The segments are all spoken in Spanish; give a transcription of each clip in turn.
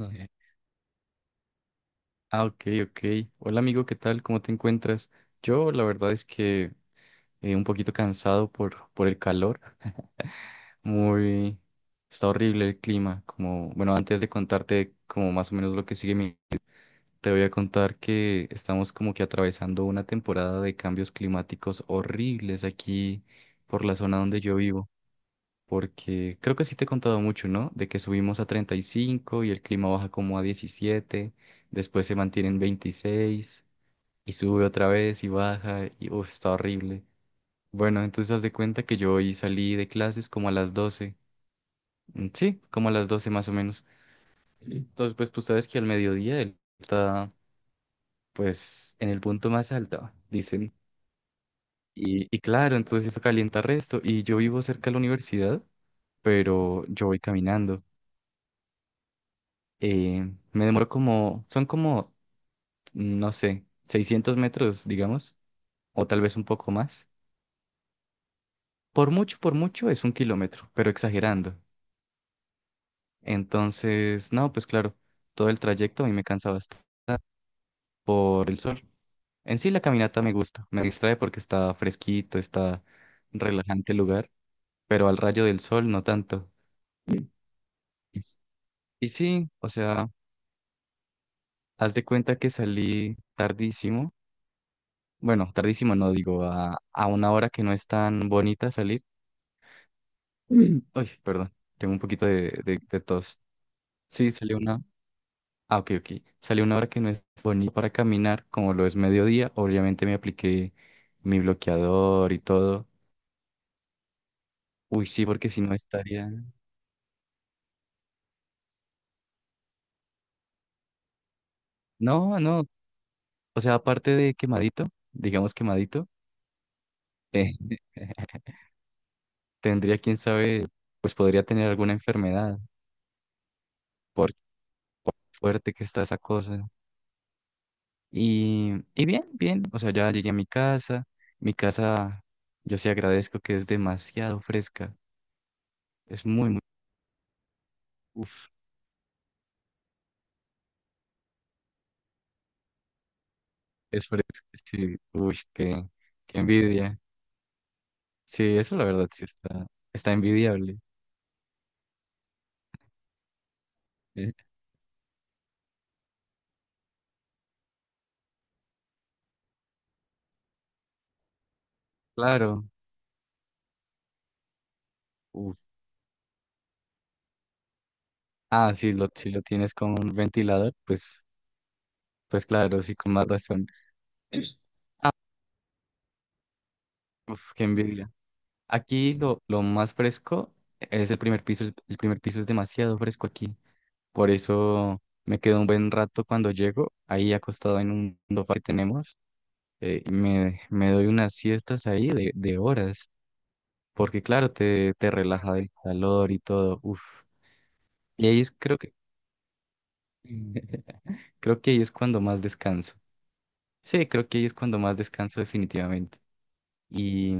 Eh, Ah, ok, ok. Hola amigo, ¿qué tal? ¿Cómo te encuentras? Yo la verdad es que un poquito cansado por el calor. Muy... Está horrible el clima. Como, bueno, antes de contarte como más o menos lo que sigue, te voy a contar que estamos como que atravesando una temporada de cambios climáticos horribles aquí por la zona donde yo vivo. Porque creo que sí te he contado mucho, ¿no? De que subimos a 35 y el clima baja como a 17, después se mantiene en 26. Y sube otra vez y baja y uf, está horrible. Bueno, entonces haz de cuenta que yo hoy salí de clases como a las 12. Mm. Sí, como a las 12 más o menos. Entonces, pues tú sabes que al mediodía él está pues en el punto más alto, dicen. Y claro, entonces eso calienta resto. Y yo vivo cerca de la universidad, pero yo voy caminando. Eh, Me demoro como, son como, no sé, 600 metros, digamos, o tal vez un poco más. Por mucho es un kilómetro, pero exagerando. Entonces, no, pues claro, todo el trayecto a mí me cansa bastante por el sol. En sí la caminata me gusta, me distrae porque está fresquito, está relajante el lugar, pero al rayo del sol no tanto. Y sí, o sea, haz de cuenta que salí tardísimo, bueno, tardísimo no, digo, a una hora que no es tan bonita salir. Mm. Uy, perdón, tengo un poquito de tos. Sí, salió una, Ah, ok, ok. Salió una hora que no es bonita para caminar, como lo es mediodía. Obviamente me apliqué mi bloqueador y todo. Uy, sí, porque si no estaría. No, no. O sea, aparte de quemadito, digamos quemadito, eh, tendría, quién sabe, pues podría tener alguna enfermedad, por fuerte que está esa cosa. Y bien, bien. O sea, ya llegué a mi casa. Mi casa, yo sí agradezco que es demasiado fresca. Es muy, muy. Es fresco, sí, uy, qué envidia. Sí, eso la verdad sí está envidiable. Eh, Claro. Uf. Ah, sí, si lo tienes con un ventilador, pues, pues claro, sí, con más razón. Ah, uf, qué envidia. Aquí lo más fresco es el primer piso. El primer piso es demasiado fresco aquí. Por eso me quedo un buen rato cuando llego, ahí acostado en un sofá que tenemos. Y me doy unas siestas ahí de horas. Porque claro, te relaja del calor y todo. Uf. Y ahí es, creo que, Creo que ahí es cuando más descanso. Sí, creo que ahí es cuando más descanso definitivamente. Y,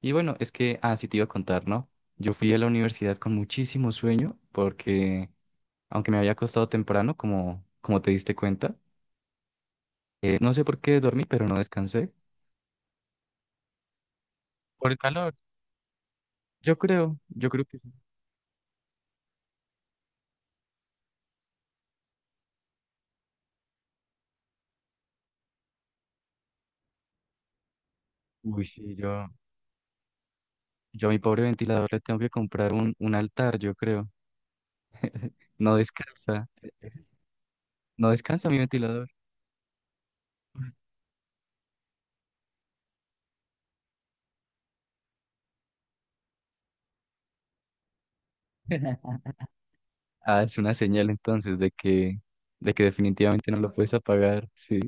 y bueno, es que, ah, sí te iba a contar, ¿no? Yo fui a la universidad con muchísimo sueño porque, aunque me había acostado temprano, como te diste cuenta, no sé por qué dormí, pero no descansé. Por el calor, yo creo que, sí. Uy, sí, yo a mi pobre ventilador le tengo que comprar un altar, yo creo. No descansa. No descansa mi ventilador. Ah, es una señal entonces de que definitivamente no lo puedes apagar. Sí.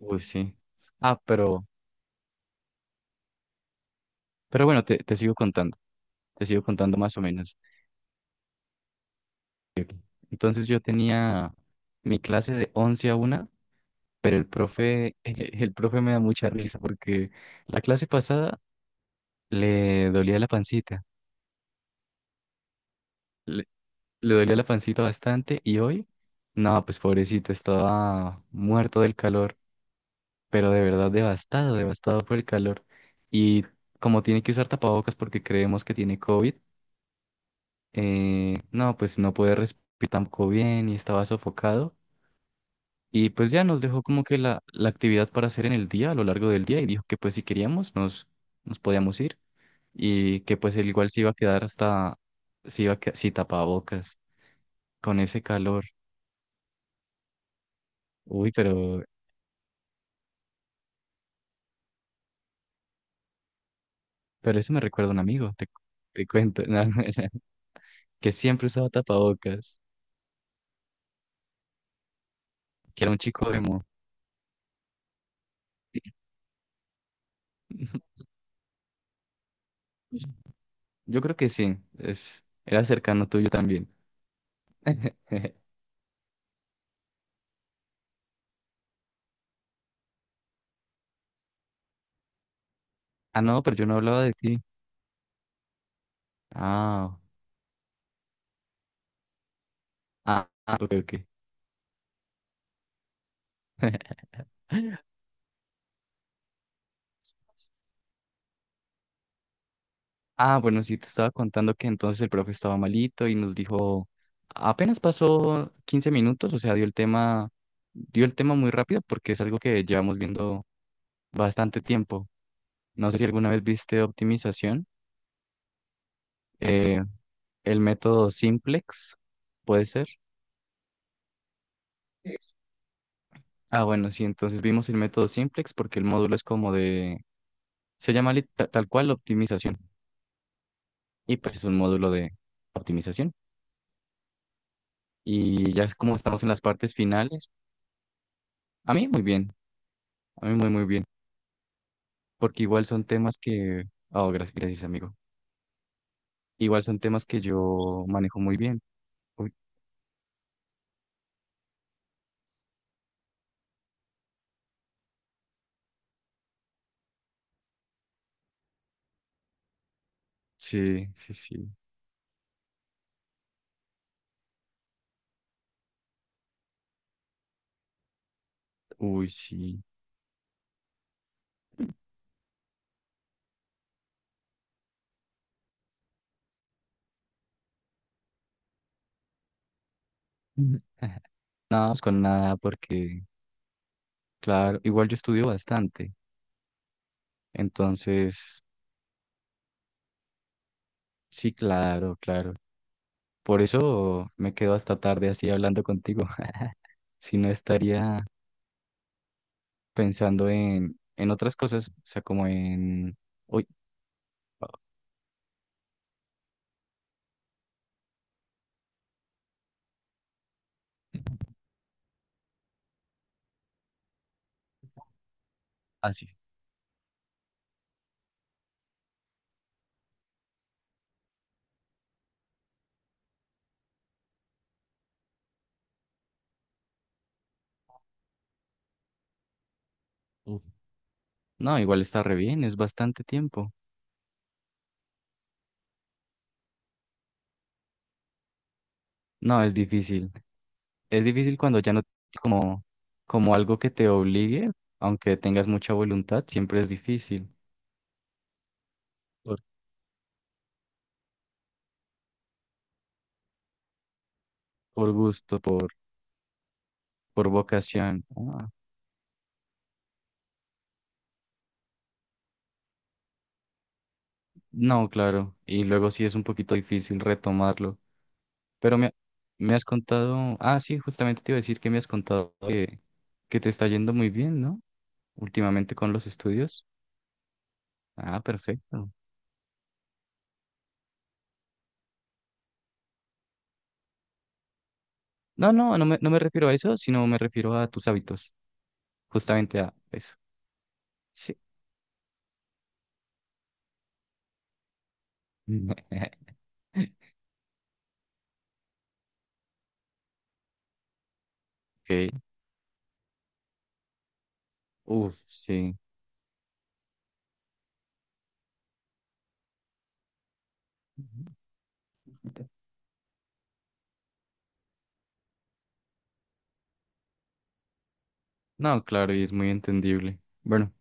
Uy, sí. Ah, pero, pero bueno, te sigo contando. Te sigo contando más o menos. Entonces yo tenía mi clase de 11 a 1, pero el profe, el profe me da mucha risa porque la clase pasada le dolía la pancita. Le, le dolía la pancita bastante y hoy, no, pues pobrecito, estaba muerto del calor. Pero de verdad devastado, devastado por el calor. Y como tiene que usar tapabocas porque creemos que tiene COVID, no, pues no puede respirar tampoco bien y estaba sofocado. Y pues ya nos dejó como que la actividad para hacer en el día, a lo largo del día, y dijo que pues si queríamos nos podíamos ir y que pues él igual se iba a quedar hasta, se iba a que- si tapabocas, con ese calor. Uy, pero eso me recuerda a un amigo, te cuento, ¿no? No, que siempre usaba tapabocas, que era un chico emo. Pues, yo creo que sí, era cercano tuyo también. Ah, no, pero yo no hablaba de ti. Ah, ah, ah, ok, ok. Ah, bueno, sí, te estaba contando que entonces el profe estaba malito y nos dijo, apenas pasó 15 minutos, o sea, dio el tema muy rápido porque es algo que llevamos viendo bastante tiempo. No sé si alguna vez viste optimización, eh, el método simplex, puede ser. Ah, bueno, sí, entonces vimos el método simplex porque el módulo es como de, se llama tal cual optimización y pues es un módulo de optimización y ya es como estamos en las partes finales. A mí muy bien, a mí muy muy bien, porque igual son temas que, oh, gracias, gracias amigo, igual son temas que yo manejo muy bien. Uy, sí, sí, sí, uy, sí. Ujú. No es con nada porque, claro, igual yo estudio bastante, entonces, sí, claro, claro. Por eso me quedo hasta tarde así hablando contigo. Si no estaría pensando en otras cosas, o sea, como en. Uy, así. No, igual está re bien, es bastante tiempo. No, es difícil. Es difícil cuando ya no como como algo que te obligue, aunque tengas mucha voluntad, siempre es difícil por, por gusto, por vocación. Ah, no, claro, y luego sí es un poquito difícil retomarlo. Pero me has contado, ah, sí, justamente te iba a decir que me has contado que te está yendo muy bien, ¿no? Últimamente con los estudios. Ah, perfecto. No, no, no me refiero a eso, sino me refiero a tus hábitos, justamente a eso. Sí. Ok. Uf, sí. No, claro, y es muy entendible. Bueno,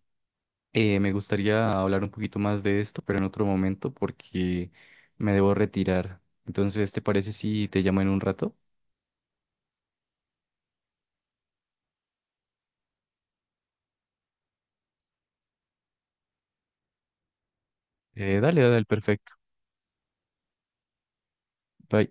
me gustaría hablar un poquito más de esto, pero en otro momento porque me debo retirar. Entonces, ¿te parece si te llamo en un rato? Dale, dale, perfecto. Bye.